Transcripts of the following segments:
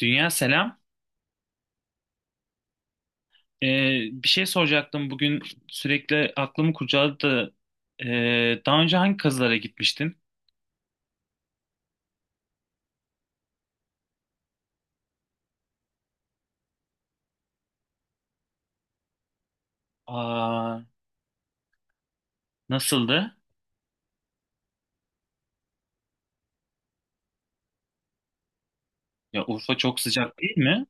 Dünya selam. Ee, Bir şey soracaktım bugün sürekli aklımı kurcaladı da daha önce hangi kazılara gitmiştin? Aa, nasıldı? Ya Urfa çok sıcak değil mi?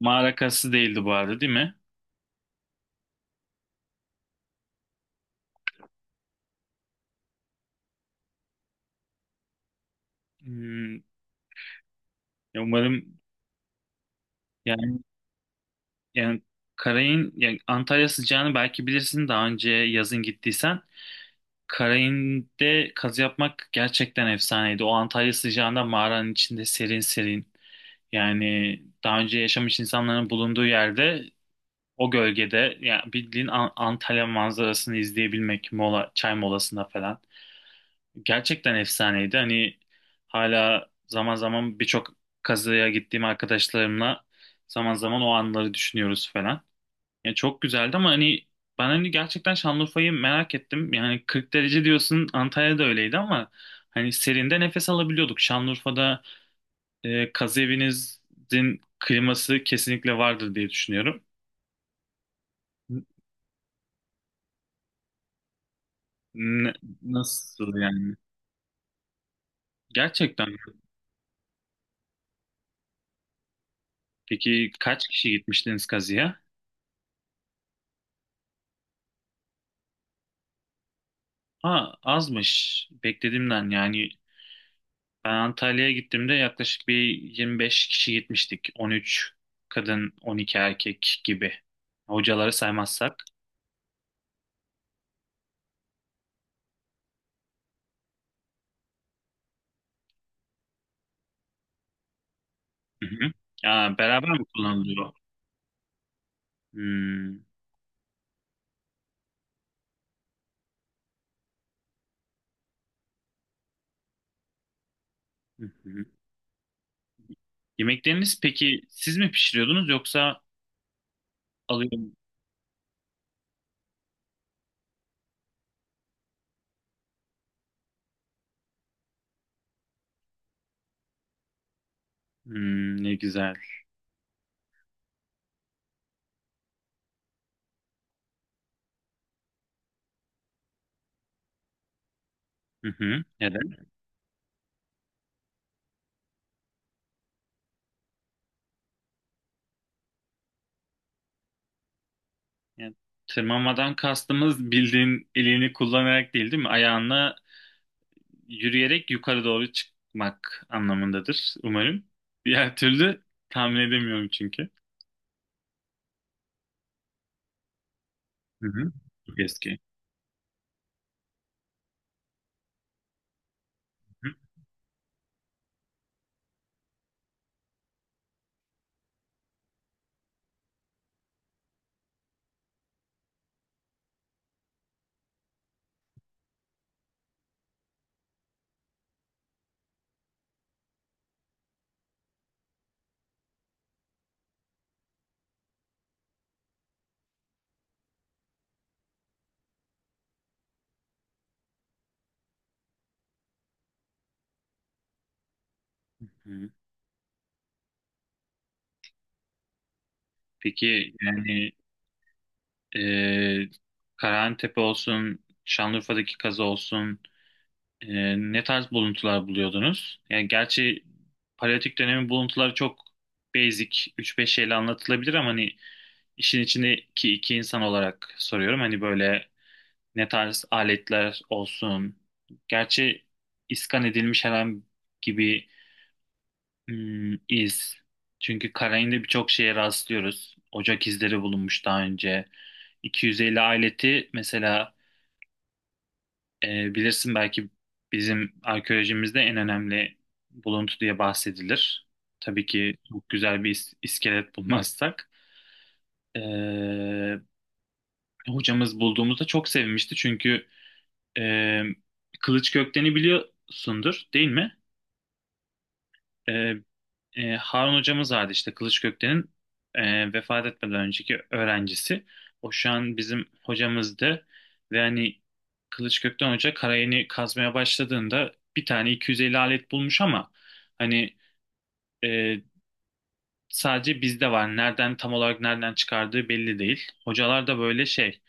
Mağara kazısı değildi bu arada değil mi? Hmm, ya umarım yani, yani Karayın, yani Antalya sıcağını belki bilirsin daha önce yazın gittiysen. Karayin'de kazı yapmak gerçekten efsaneydi. O Antalya sıcağında mağaranın içinde serin serin. Yani daha önce yaşamış insanların bulunduğu yerde o gölgede, yani bildiğin Antalya manzarasını izleyebilmek mola, çay molasında falan. Gerçekten efsaneydi. Hani hala zaman zaman birçok kazıya gittiğim arkadaşlarımla zaman zaman o anları düşünüyoruz falan. Yani çok güzeldi ama hani ben hani gerçekten Şanlıurfa'yı merak ettim. Yani 40 derece diyorsun, Antalya'da öyleydi ama hani serinde nefes alabiliyorduk. Şanlıurfa'da kazı evinizin kliması kesinlikle vardır diye düşünüyorum. N- Nasıl yani? Gerçekten mi? Peki kaç kişi gitmiştiniz kazıya? Ha, azmış. Beklediğimden. Yani ben Antalya'ya gittiğimde yaklaşık bir 25 kişi gitmiştik. 13 kadın, 12 erkek gibi. Hocaları saymazsak. Hı hı. Ya, beraber mi kullanılıyor? Hmm. Hı hı. Yemekleriniz peki siz mi pişiriyordunuz, yoksa alıyor? Hmm, ne güzel. Hı hı. Neden? Yani tırmanmadan kastımız bildiğin elini kullanarak değil, değil mi? Ayağınla yürüyerek yukarı doğru çıkmak anlamındadır umarım. Diğer türlü tahmin edemiyorum çünkü. Hı hı. Çok eski. Hı hı. Peki yani e, Karahantepe olsun, Şanlıurfa'daki kazı olsun, ne tarz buluntular buluyordunuz? Yani gerçi paleolitik dönemin buluntuları çok basic, üç beş şeyle anlatılabilir ama hani işin içindeki iki insan olarak soruyorum. Hani böyle ne tarz aletler olsun. Gerçi iskan edilmiş herhangi gibi, hmm, iz. Çünkü Karain'de birçok şeye rastlıyoruz. Ocak izleri bulunmuş daha önce. 250 aleti mesela, bilirsin belki, bizim arkeolojimizde en önemli buluntu diye bahsedilir. Tabii ki çok güzel bir iskelet bulmazsak. E, Hocamız bulduğumuzda çok sevinmişti çünkü e, Kılıç Gökten'i biliyorsundur değil mi? E, Harun hocamız vardı işte, Kılıç Gökten'in vefat etmeden önceki öğrencisi. O şu an bizim hocamızdı ve hani Kılıç Gökten hoca karayeni kazmaya başladığında bir tane 250 alet bulmuş ama hani e, sadece bizde var. Nereden, tam olarak nereden çıkardığı belli değil. Hocalar da böyle şey,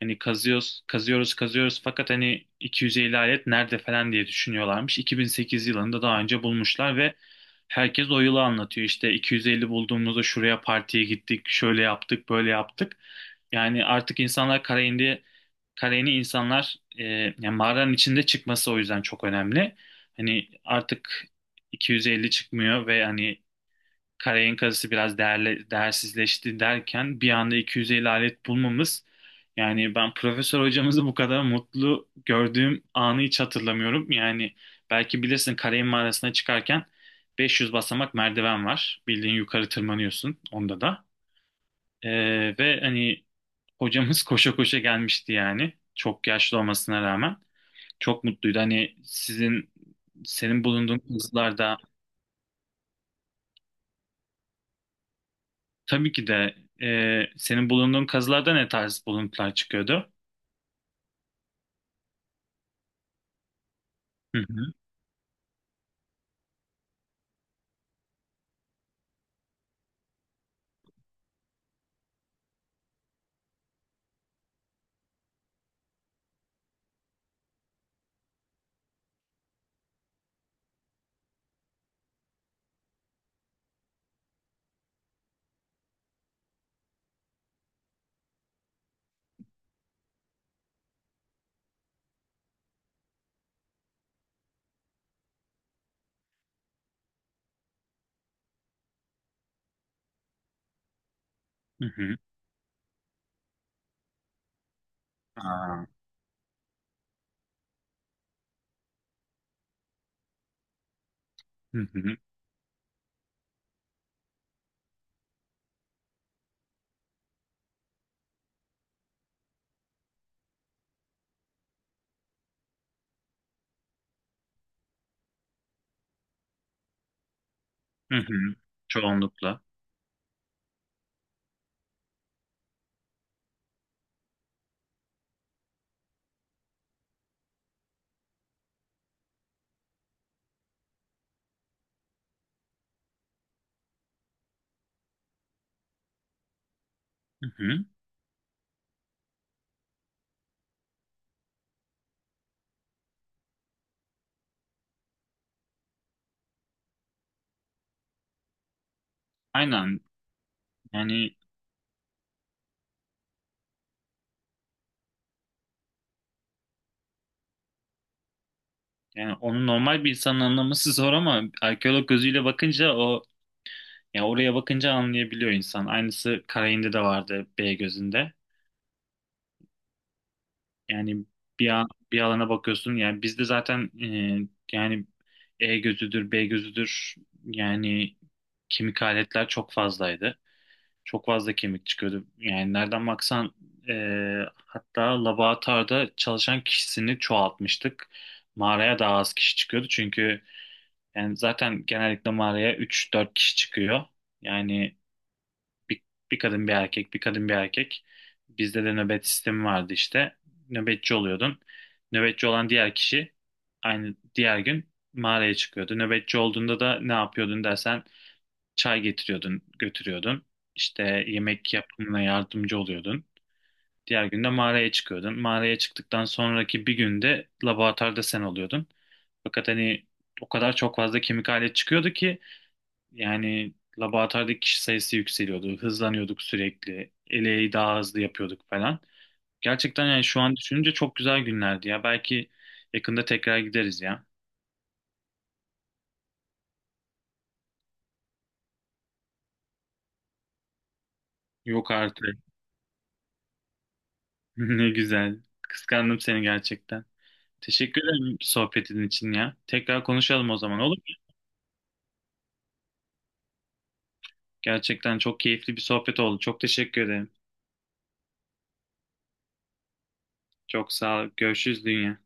hani kazıyoruz kazıyoruz kazıyoruz fakat hani 250 alet nerede falan diye düşünüyorlarmış. 2008 yılında daha önce bulmuşlar ve herkes o yılı anlatıyor. İşte 250 bulduğumuzda şuraya partiye gittik, şöyle yaptık, böyle yaptık. Yani artık insanlar Karayeni insanlar, yani mağaranın içinde çıkması o yüzden çok önemli. Hani artık 250 çıkmıyor ve hani Karayın kazısı biraz değerli, değersizleşti derken bir anda 250 alet bulmamız, yani ben profesör hocamızı bu kadar mutlu gördüğüm anı hiç hatırlamıyorum. Yani belki bilirsin, Karayın mağarasına çıkarken 500 basamak merdiven var. Bildiğin yukarı tırmanıyorsun onda da. Ve hani hocamız koşa koşa gelmişti yani. Çok yaşlı olmasına rağmen. Çok mutluydu. Hani senin bulunduğun kızlarda. Tabii ki de, senin bulunduğun kazılarda ne tarz buluntular çıkıyordu? Hı hı, hı hı. Aa, hı hı, hı hı. Çoğunlukla. Hı hı. Aynen. Yani, yani onu normal bir insanın anlaması zor ama arkeolog gözüyle bakınca o, ya oraya bakınca anlayabiliyor insan. Aynısı Karayin'de de vardı, B gözünde. Yani bir alana bakıyorsun. Yani bizde zaten yani E gözüdür, B gözüdür. Yani kemik aletler çok fazlaydı. Çok fazla kemik çıkıyordu. Yani nereden baksan, e, hatta laboratuvarda çalışan kişisini çoğaltmıştık. Mağaraya daha az kişi çıkıyordu. Çünkü yani zaten genellikle mağaraya 3-4 kişi çıkıyor. Yani bir, bir kadın bir erkek, bir kadın bir erkek. Bizde de nöbet sistemi vardı işte. Nöbetçi oluyordun. Nöbetçi olan diğer kişi aynı diğer gün mağaraya çıkıyordu. Nöbetçi olduğunda da ne yapıyordun dersen, çay getiriyordun, götürüyordun. İşte yemek yapımına yardımcı oluyordun. Diğer günde mağaraya çıkıyordun. Mağaraya çıktıktan sonraki bir günde laboratuvarda sen oluyordun. Fakat hani o kadar çok fazla kemik alet çıkıyordu ki yani laboratuvardaki kişi sayısı yükseliyordu. Hızlanıyorduk sürekli. Eleği daha hızlı yapıyorduk falan. Gerçekten yani şu an düşününce çok güzel günlerdi ya. Belki yakında tekrar gideriz ya. Yok artık. Ne güzel. Kıskandım seni gerçekten. Teşekkür ederim sohbetin için ya. Tekrar konuşalım o zaman, olur mu? Gerçekten çok keyifli bir sohbet oldu. Çok teşekkür ederim. Çok sağ ol. Görüşürüz dünya.